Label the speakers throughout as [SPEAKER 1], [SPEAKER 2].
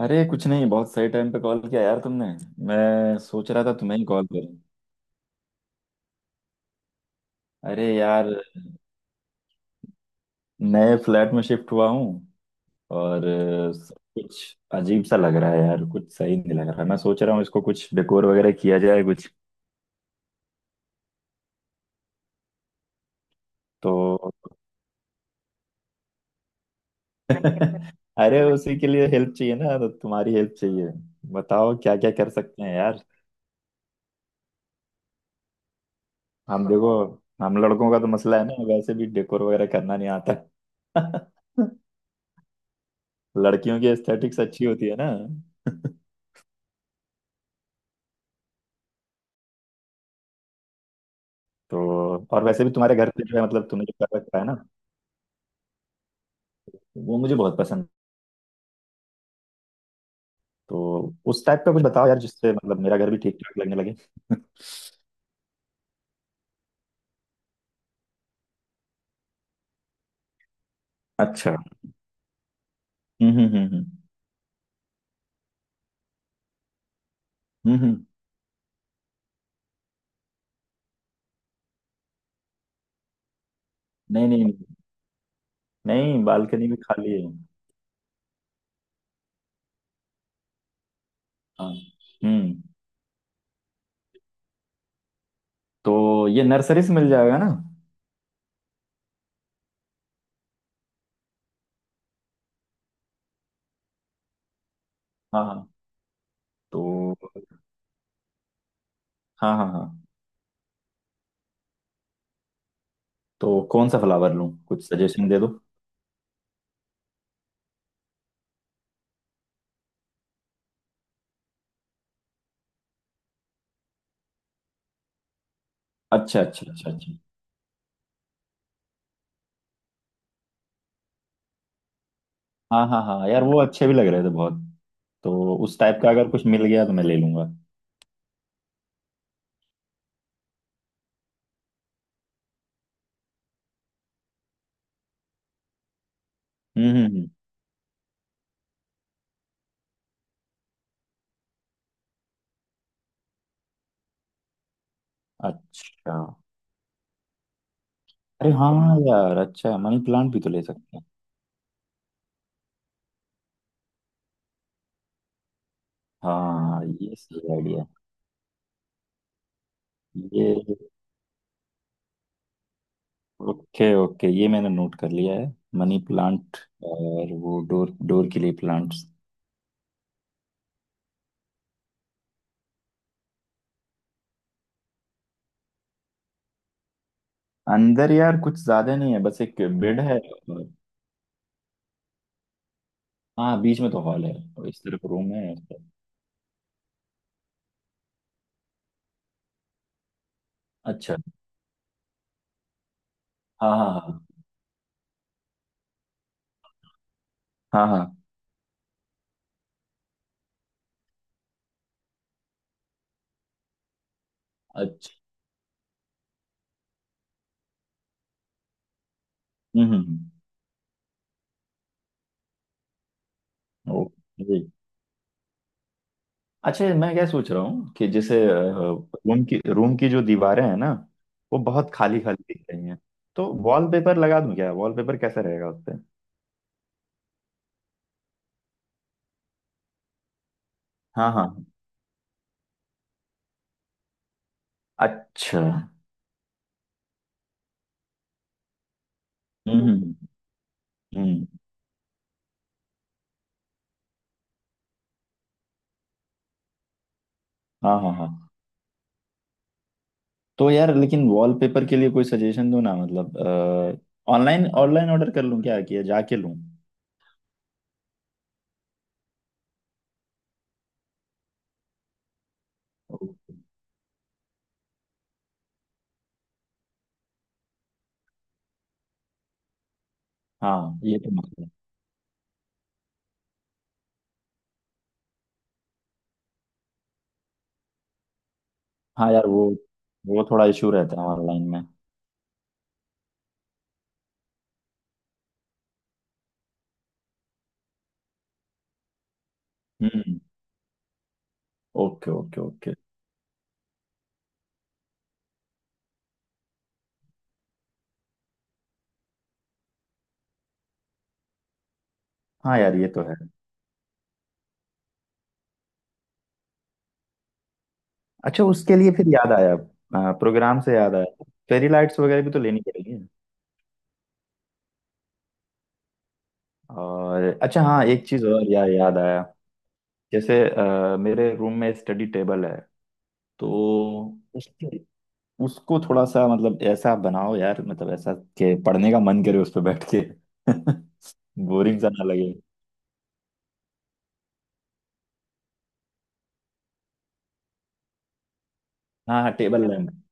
[SPEAKER 1] अरे कुछ नहीं, बहुत सही टाइम पे कॉल किया यार तुमने। मैं सोच रहा था तुम्हें ही कॉल करूं। अरे यार, नए फ्लैट में शिफ्ट हुआ हूँ और सब कुछ अजीब सा लग रहा है यार, कुछ सही नहीं लग रहा है। मैं सोच रहा हूँ इसको कुछ डेकोर वगैरह किया जाए कुछ। तो अरे उसी के लिए हेल्प चाहिए ना, तो तुम्हारी हेल्प चाहिए। बताओ क्या क्या कर सकते हैं यार। हम देखो, हम लड़कों का तो मसला है ना, वैसे भी डेकोर वगैरह करना नहीं आता। लड़कियों की एस्थेटिक्स अच्छी होती है ना। तो और वैसे भी तुम्हारे घर पे जो है, मतलब तुमने जो कर रखा है ना वो मुझे बहुत पसंद है। तो उस टाइप का कुछ बताओ यार, जिससे मतलब मेरा घर भी ठीक ठाक लगने लगे। अच्छा। हम्म। हम्म, हम्म। नहीं नहीं नहीं। नहीं, बालकनी भी खाली है। हाँ। हम्म। तो ये नर्सरी से मिल जाएगा ना? हाँ हाँ। तो हाँ हाँ हाँ। तो कौन सा फ्लावर लूँ, कुछ सजेशन दे दो। अच्छा अच्छा अच्छा अच्छा। हाँ हाँ हाँ यार, वो अच्छे भी लग रहे थे बहुत। तो उस टाइप का अगर कुछ मिल गया तो मैं ले लूंगा। हम्म हम्म हम्म। अच्छा। अरे हाँ यार, अच्छा है, मनी प्लांट भी तो ले सकते हैं। हाँ, ये सही आइडिया। ये ओके ओके, ये मैंने नोट कर लिया है। Money plant. और वो डोर डोर के लिए प्लांट्स। अंदर यार कुछ ज्यादा नहीं है, बस एक बेड है हाँ, बीच में तो हॉल है, और इस तरफ रूम है। अच्छा। हाँ हाँ हाँ। हाँ हाँ। अच्छा। हम्म। ओके। अच्छा, मैं क्या सोच रहा हूँ कि जैसे रूम की जो दीवारें हैं ना वो बहुत खाली खाली दिख रही हैं। तो वॉलपेपर लगा दूं क्या? वॉलपेपर कैसा रहेगा उस पे? हाँ हाँ। अच्छा। हम्म हम्म, हम्म। हाँ हाँ हाँ। तो यार लेकिन वॉलपेपर के लिए कोई सजेशन दो ना, मतलब ऑनलाइन ऑनलाइन ऑर्डर कर लूँ क्या, कि जाके लूँ? हाँ, ये तो मसला है। हाँ यार, वो थोड़ा इशू रहता है ऑनलाइन में। हम्म। Okay okay okay. हाँ यार, ये तो है। अच्छा, उसके लिए फिर याद आया, प्रोग्राम से याद आया, फेरी लाइट्स वगैरह भी तो लेनी पड़ेगी। और अच्छा हाँ, एक चीज़ और याद आया। जैसे मेरे रूम में स्टडी टेबल है। तो उसके उसको थोड़ा सा, मतलब ऐसा बनाओ यार, मतलब ऐसा कि पढ़ने का मन करे उस पर बैठ के। बोरिंग सा ना लगे। हाँ हाँ, टेबल लैंप।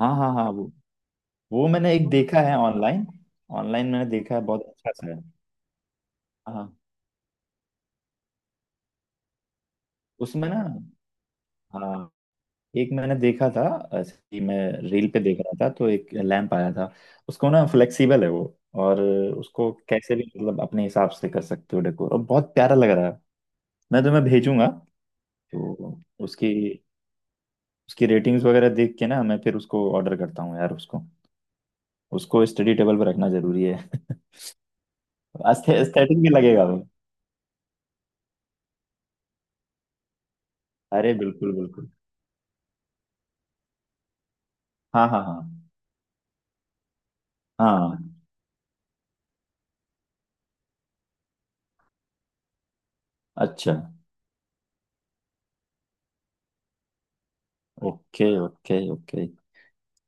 [SPEAKER 1] हाँ हाँ हाँ, वो मैंने एक देखा है ऑनलाइन। ऑनलाइन मैंने देखा है, बहुत अच्छा सा है। हाँ। उसमें ना हाँ, एक मैंने देखा था। ऐसे ही मैं रील पे देख रहा था तो एक लैंप आया था। उसको ना, फ्लेक्सिबल है वो। और उसको कैसे भी मतलब अपने हिसाब से कर सकते हो डेकोर, और बहुत प्यारा लग रहा है। मैं तुम्हें भेजूंगा। तो उसकी उसकी रेटिंग्स वगैरह देख के ना, मैं फिर उसको ऑर्डर करता हूँ यार उसको। उसको स्टडी टेबल पर रखना जरूरी है। एस्थेटिक भी लगेगा वो। अरे बिल्कुल बिल्कुल। हाँ हाँ हाँ हाँ। अच्छा। Okay okay okay.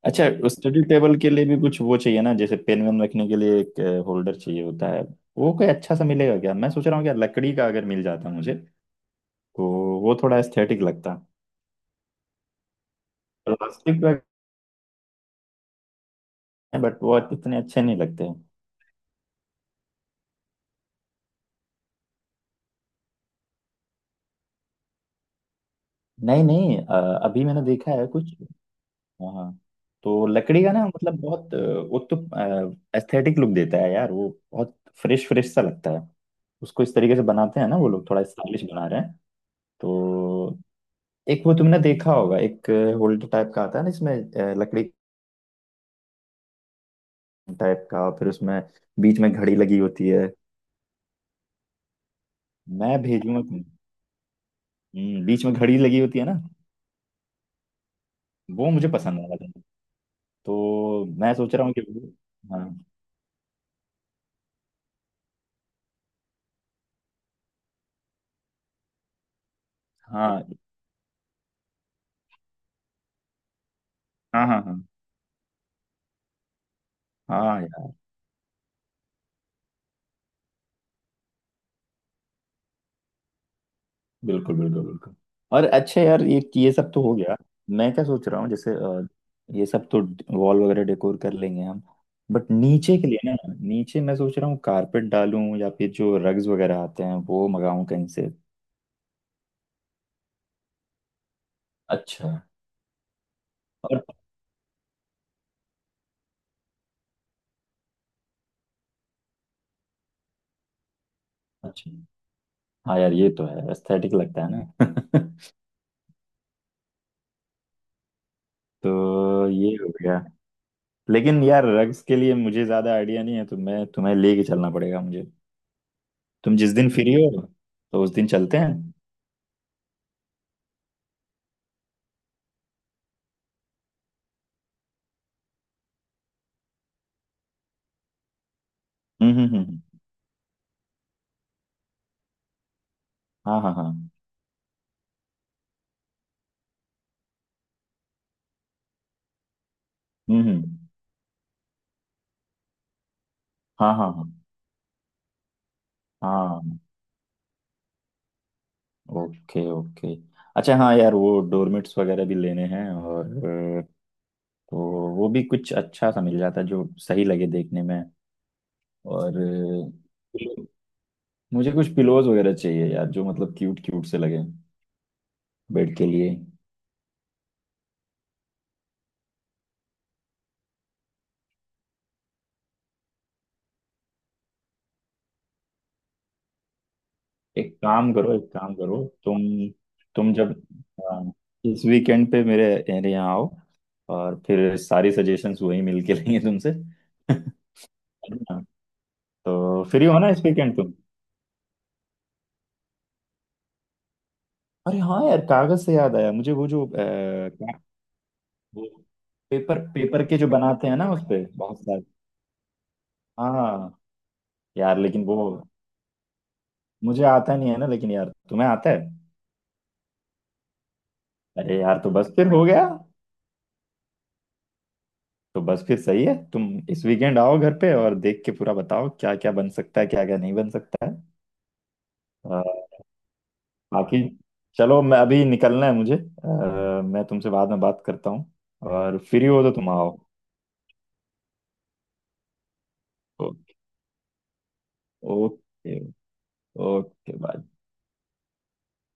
[SPEAKER 1] अच्छा, स्टडी टेबल के लिए भी कुछ वो चाहिए ना, जैसे पेन वेन रखने के लिए एक होल्डर चाहिए होता है। वो कोई अच्छा सा मिलेगा क्या, मैं सोच रहा हूँ क्या लकड़ी का, अगर मिल जाता मुझे तो वो थोड़ा एस्थेटिक लगता। प्लास्टिक का बट वो इतने अच्छे नहीं लगते। नहीं नहीं अभी मैंने देखा है कुछ। हाँ हाँ। तो लकड़ी का ना, मतलब बहुत वो तो एस्थेटिक लुक देता है यार, वो बहुत फ्रेश फ्रेश सा लगता है। उसको इस तरीके से बनाते हैं ना, वो लोग थोड़ा स्टाइलिश बना रहे हैं। तो एक वो तुमने देखा होगा, एक होल्डर टाइप का आता है ना, इसमें लकड़ी टाइप का, फिर उसमें बीच में घड़ी लगी होती है। मैं भेजूंगा तुम्हें। बीच में घड़ी लगी होती है ना। वो मुझे पसंद आया था। तो मैं सोच रहा हूँ कि वो- हाँ हाँ हाँ हाँ हाँ। हाँ यार बिल्कुल बिल्कुल बिल्कुल। और अच्छा यार, ये सब तो हो गया। मैं क्या सोच रहा हूँ जैसे ये सब तो वॉल वगैरह डेकोर कर लेंगे हम। बट नीचे के लिए ना, नीचे मैं सोच रहा हूँ कारपेट डालूं, या फिर जो रग्स वगैरह आते हैं वो मंगाऊं कहीं से। अच्छा। और अच्छा हाँ यार, ये तो है, एस्थेटिक लगता है ना। तो ये हो गया। लेकिन यार, रग्स के लिए मुझे ज्यादा आइडिया नहीं है, तो मैं तुम्हें लेके, चलना पड़ेगा मुझे। तुम जिस दिन फ्री हो तो उस दिन चलते हैं। हम्म। हाँ हाँ हाँ। हम्म। हाँ हाँ हाँ हाँ। Okay okay. अच्छा हाँ यार, वो डोरमेट्स वगैरह भी लेने हैं, और तो वो भी कुछ अच्छा सा मिल जाता है जो सही लगे देखने में। और pillow- मुझे कुछ पिलोज वगैरह चाहिए यार, जो मतलब क्यूट क्यूट से लगे, बेड के लिए। एक काम करो, एक काम करो तुम। तुम जब अ, इस वीकेंड पे मेरे मेरे यहाँ आओ, और फिर सारी सजेशंस वही मिल के लेंगे तुमसे। है ना? तो फ्री हो ना इस वीकेंड तुम? अरे हाँ यार, कागज से याद आया मुझे, वो जो क्या वो, पेपर पेपर के जो बनाते हैं ना उसपे बहुत सारे। हाँ हाँ। यार लेकिन वो मुझे आता नहीं है ना, लेकिन यार तुम्हें आता है। अरे यार, तो बस फिर हो गया। तो बस फिर सही है, तुम इस वीकेंड आओ घर पे, और देख के पूरा बताओ क्या क्या बन सकता है, क्या क्या नहीं बन सकता है। अ, बाकी चलो, मैं अभी निकलना है मुझे, मैं तुमसे बाद में बात करता हूँ। और फ्री हो तो तुम आओ। ओके। Okay okay bye.